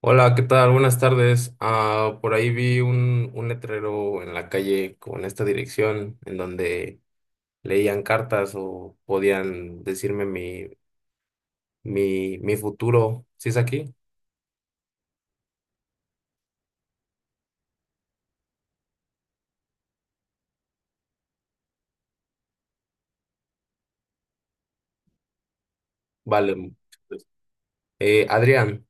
Hola, ¿qué tal? Buenas tardes. Ah, por ahí vi un letrero en la calle con esta dirección en donde leían cartas o podían decirme mi futuro. ¿Sí es aquí? Vale, muchas gracias. Adrián,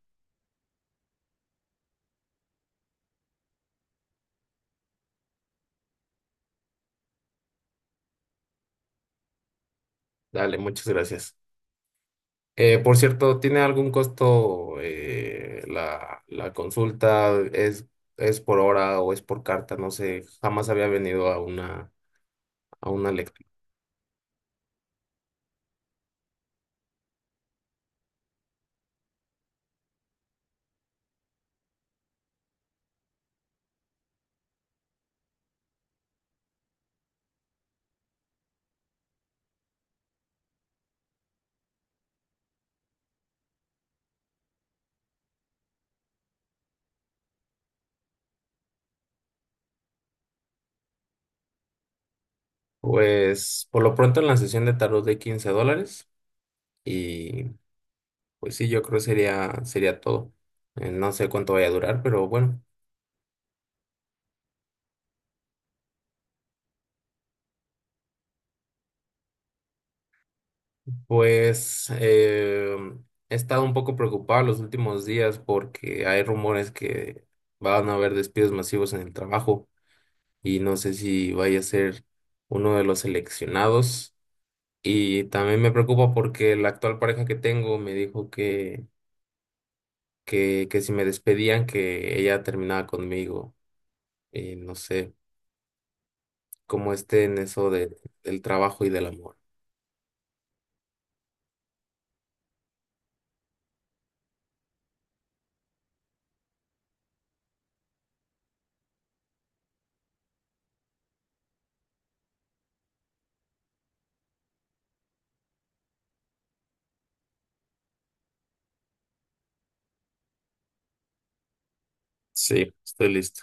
dale, muchas gracias. Por cierto, ¿tiene algún costo la, la consulta? ¿Es por hora o es por carta? No sé, jamás había venido a una lectura. Pues por lo pronto en la sesión de tarot de 15 dólares y pues sí, yo creo sería, sería todo. No sé cuánto vaya a durar, pero bueno, pues he estado un poco preocupado los últimos días porque hay rumores que van a haber despidos masivos en el trabajo y no sé si vaya a ser uno de los seleccionados. Y también me preocupa porque la actual pareja que tengo me dijo que si me despedían, que ella terminaba conmigo. Y no sé cómo esté en eso de, del trabajo y del amor. Sí, estoy listo.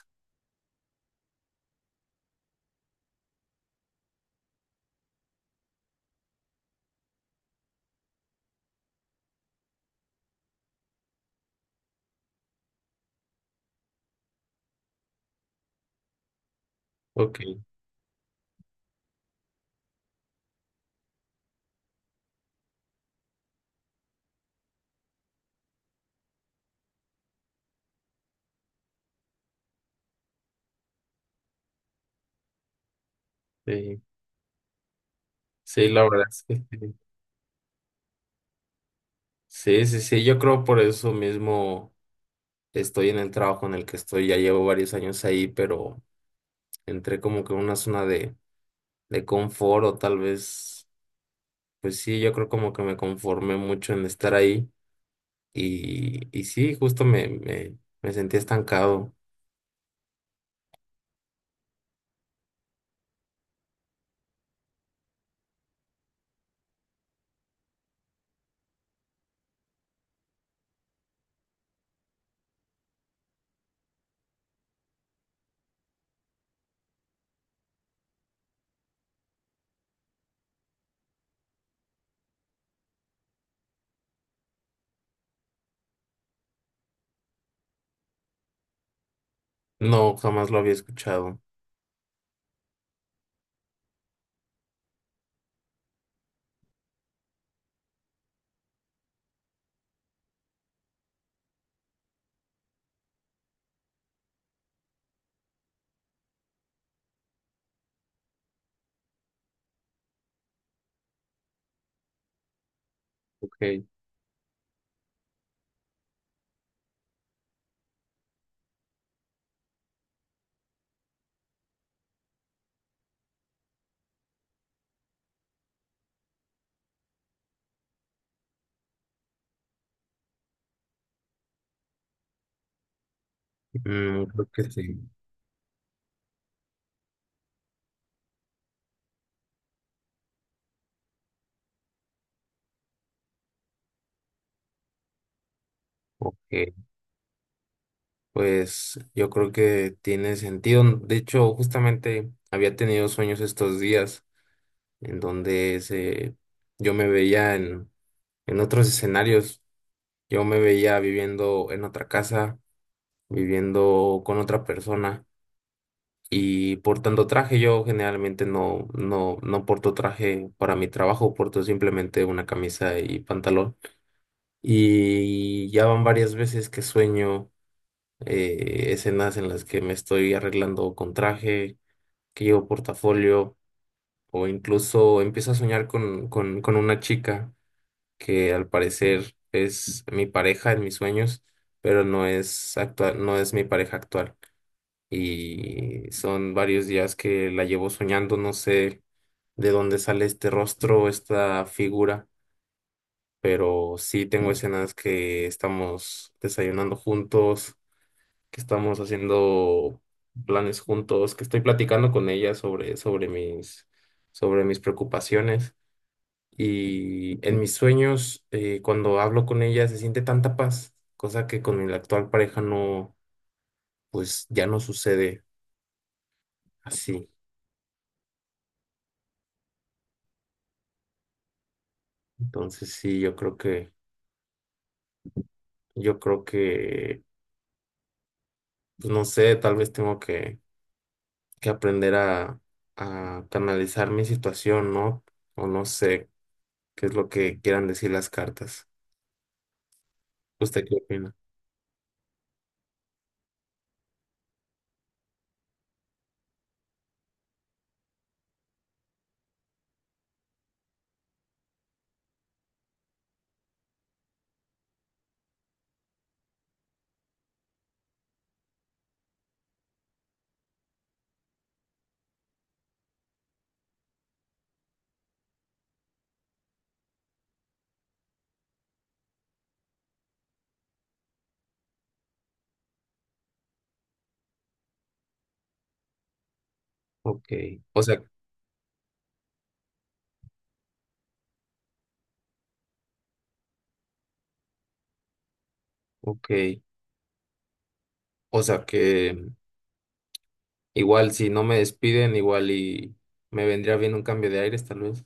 Ok, sí, sí, la verdad es que sí. Sí, sí, sí, yo creo por eso mismo estoy en el trabajo en el que estoy, ya llevo varios años ahí, pero entré como que en una zona de confort o tal vez, pues sí, yo creo como que me conformé mucho en estar ahí y sí, justo me sentí estancado. No, jamás lo había escuchado. Ok. Mm, creo que sí. Ok. Pues yo creo que tiene sentido. De hecho, justamente había tenido sueños estos días en donde se, yo me veía en otros escenarios. Yo me veía viviendo en otra casa, viviendo con otra persona y portando traje. Yo generalmente no porto traje para mi trabajo, porto simplemente una camisa y pantalón. Y ya van varias veces que sueño. Escenas en las que me estoy arreglando con traje, que llevo portafolio, o incluso empiezo a soñar con una chica que al parecer es mi pareja en mis sueños, pero no es actual, no es mi pareja actual. Y son varios días que la llevo soñando, no sé de dónde sale este rostro, esta figura, pero sí tengo escenas que estamos desayunando juntos, que estamos haciendo planes juntos, que estoy platicando con ella sobre mis preocupaciones. Y en mis sueños, cuando hablo con ella, se siente tanta paz, cosa que con mi actual pareja no, pues ya no sucede así. Entonces sí, yo creo que, pues no sé, tal vez tengo que aprender a canalizar mi situación, ¿no? O no sé qué es lo que quieran decir las cartas. ¿Usted qué opina? Ok, o sea, ok, o sea que igual si no me despiden, igual y me vendría bien un cambio de aires,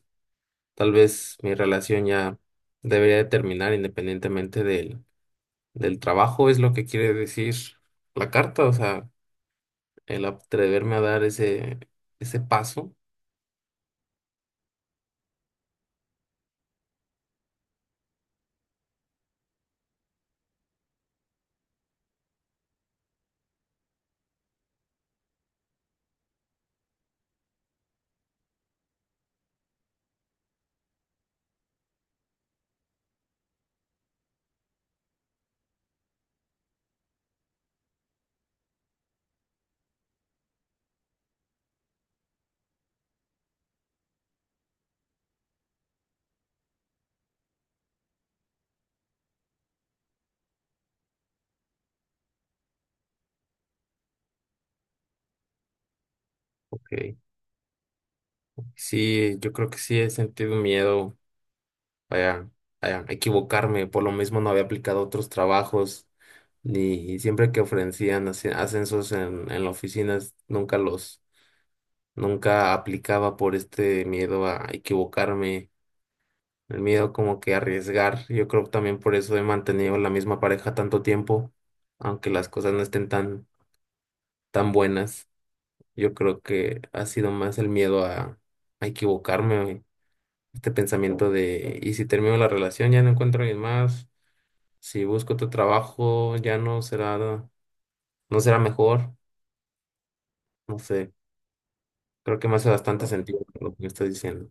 tal vez mi relación ya debería de terminar independientemente del, del trabajo, es lo que quiere decir la carta, o sea, el atreverme a dar ese, ese paso. Ok, sí, yo creo que sí he sentido miedo, vaya, vaya, equivocarme, por lo mismo no había aplicado a otros trabajos, ni y siempre que ofrecían ascensos en la oficina, nunca los, nunca aplicaba por este miedo a equivocarme, el miedo como que a arriesgar. Yo creo que también por eso he mantenido la misma pareja tanto tiempo, aunque las cosas no estén tan, tan buenas. Yo creo que ha sido más el miedo a equivocarme, este pensamiento de, y si termino la relación ya no encuentro a alguien más. Si busco otro trabajo, ya no será, no será mejor. No sé, creo que me hace bastante ¿no? sentido lo que me estás diciendo.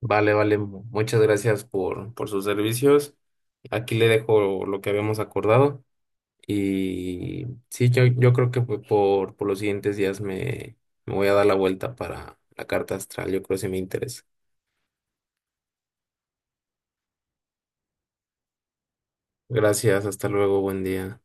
Vale, vale, muchas gracias por sus servicios. Aquí le dejo lo que habíamos acordado. Y sí, yo creo que pues, por los siguientes días me, me voy a dar la vuelta para la carta astral. Yo creo que sí me interesa. Gracias, hasta luego, buen día.